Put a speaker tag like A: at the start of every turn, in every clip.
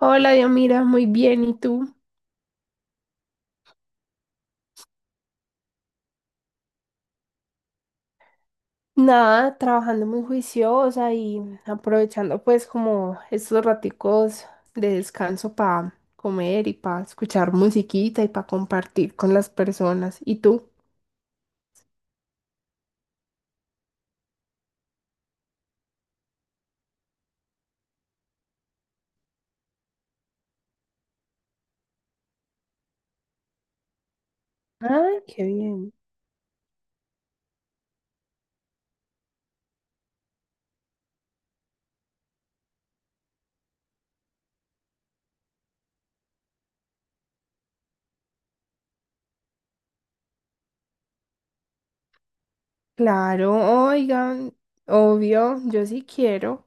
A: Hola, mira, muy bien. ¿Y tú? Nada, trabajando muy juiciosa y aprovechando pues como estos raticos de descanso para comer y para escuchar musiquita y para compartir con las personas. ¿Y tú? Ay, qué bien. Claro, oigan, obvio, yo sí quiero.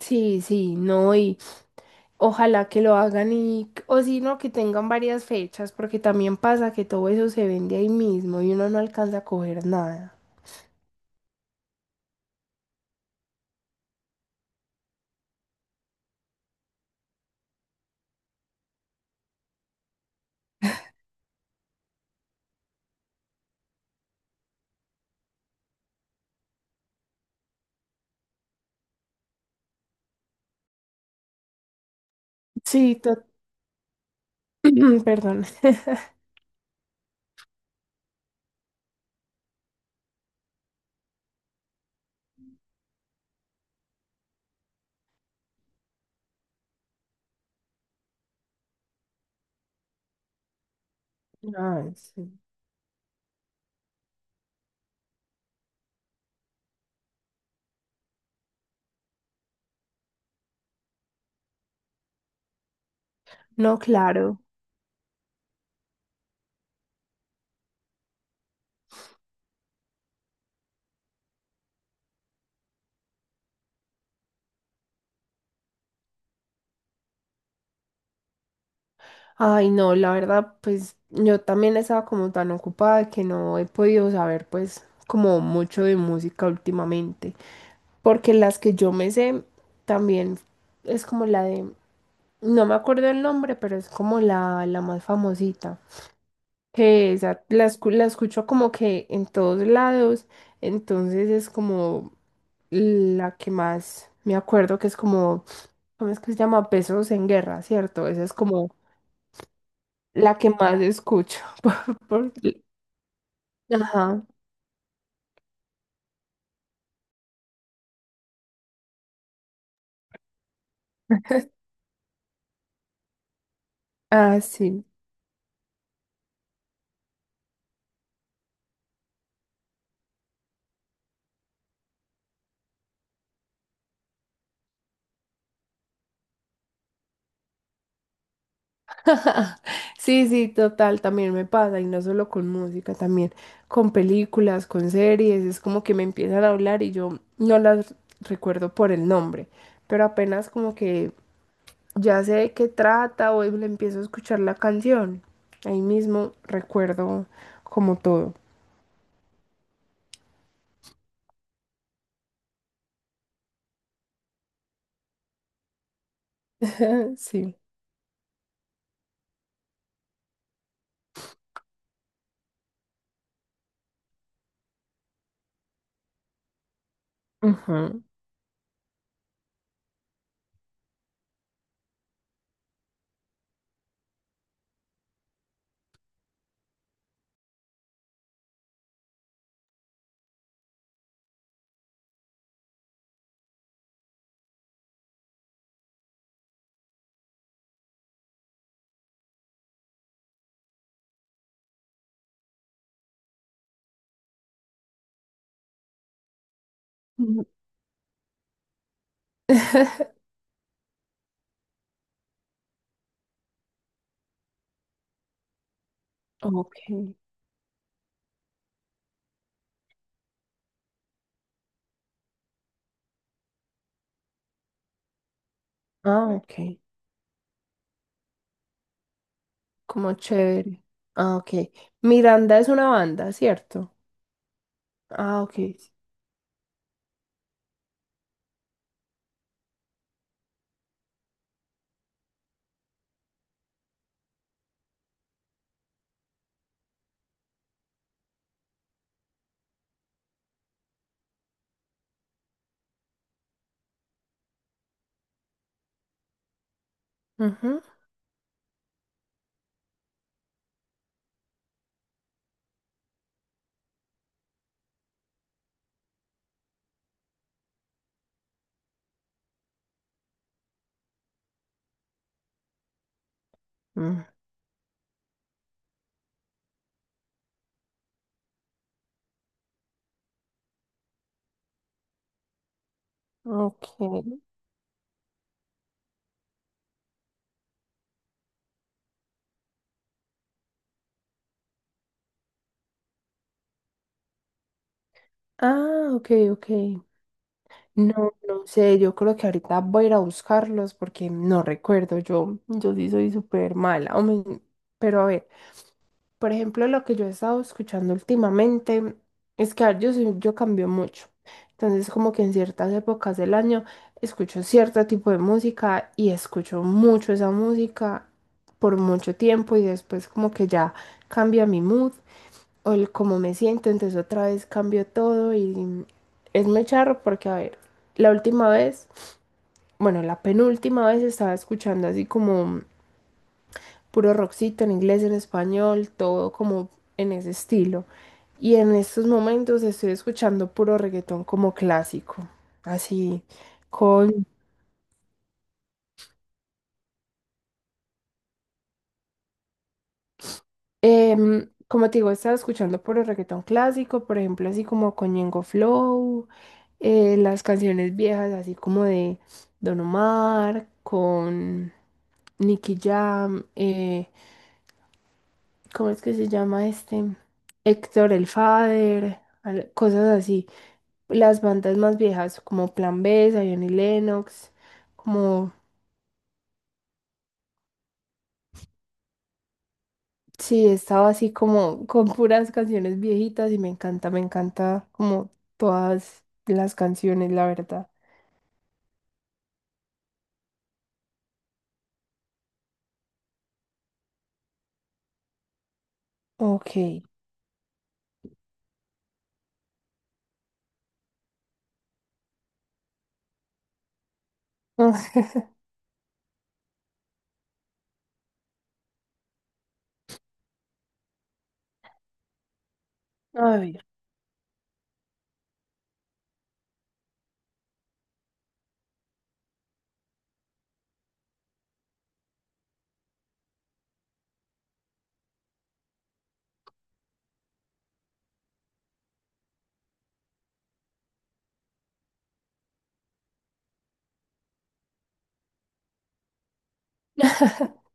A: Sí, sí, no, y ojalá que lo hagan y, o si no, que tengan varias fechas, porque también pasa que todo eso se vende ahí mismo y uno no alcanza a coger nada. Sí. Perdón. Ay, sí. No, claro. Ay, no, la verdad, pues yo también estaba como tan ocupada que no he podido saber pues como mucho de música últimamente, porque las que yo me sé también es como la de, no me acuerdo el nombre, pero es como la más famosita, que esa la, la escucho como que en todos lados, entonces es como la que más me acuerdo que es como ¿cómo es que se llama? Pesos en guerra, ¿cierto? Esa es como la que más escucho. Porque... Ajá. Ah, sí. Sí, sí, total, también me pasa, y no solo con música, también con películas, con series, es como que me empiezan a hablar y yo no las recuerdo por el nombre, pero apenas como que ya sé de qué trata o le empiezo a escuchar la canción, ahí mismo recuerdo como todo. Sí. Ujú. Ok. Ah, ok. Como chévere. Ah, ok. Miranda es una banda, ¿cierto? Ah, ok. Ujú. Mm. Ok. Ah, ok, ok. No, no sé, yo creo que ahorita voy a ir a buscarlos porque no recuerdo, yo sí soy súper mala, pero a ver. Por ejemplo, lo que yo he estado escuchando últimamente es que a ver, yo, yo cambio mucho. Entonces, como que en ciertas épocas del año escucho cierto tipo de música y escucho mucho esa música por mucho tiempo y después como que ya cambia mi mood o el cómo me siento, entonces otra vez cambio todo y es muy charro porque, a ver, la última vez, bueno, la penúltima vez estaba escuchando así como puro rockcito en inglés, en español, todo como en ese estilo. Y en estos momentos estoy escuchando puro reggaetón como clásico, así con, como te digo, estaba escuchando puro reggaetón clásico, por ejemplo, así como con Ñengo Flow, las canciones viejas, así como de Don Omar, con Nicky Jam, ¿cómo es que se llama este? Héctor el Father, cosas así. Las bandas más viejas, como Plan B, Zion y Lennox, como, sí, estaba así como con puras canciones viejitas y me encanta como todas las canciones, la verdad. Ok. A ver.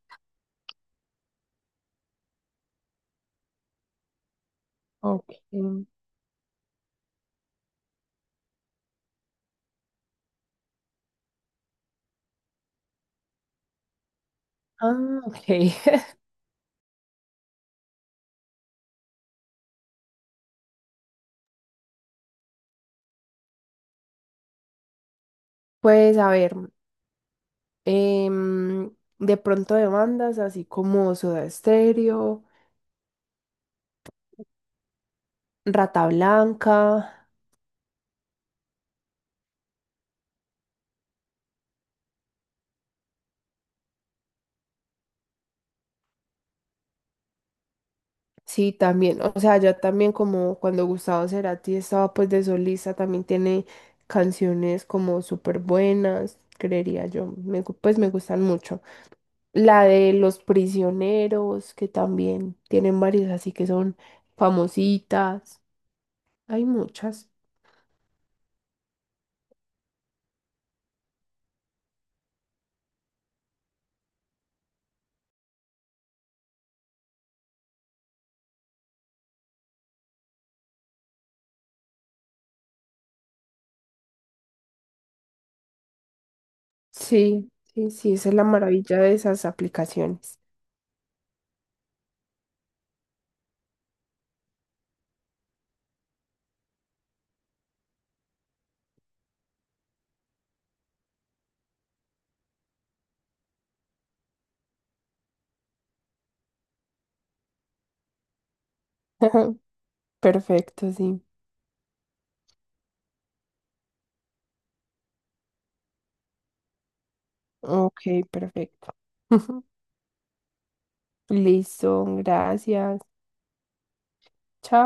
A: Ok. Ah, ok. Pues a ver, em, de pronto de bandas así como Soda Stereo, Rata Blanca. Sí, también, o sea, ya también como cuando Gustavo Cerati estaba pues de solista, también tiene canciones como súper buenas, creería yo, pues me gustan mucho. La de Los Prisioneros, que también tienen varias así que son famositas, hay muchas. Sí, sí, sí, esa es la maravilla de esas aplicaciones. Perfecto, sí. Ok, perfecto. Listo, gracias. Chao.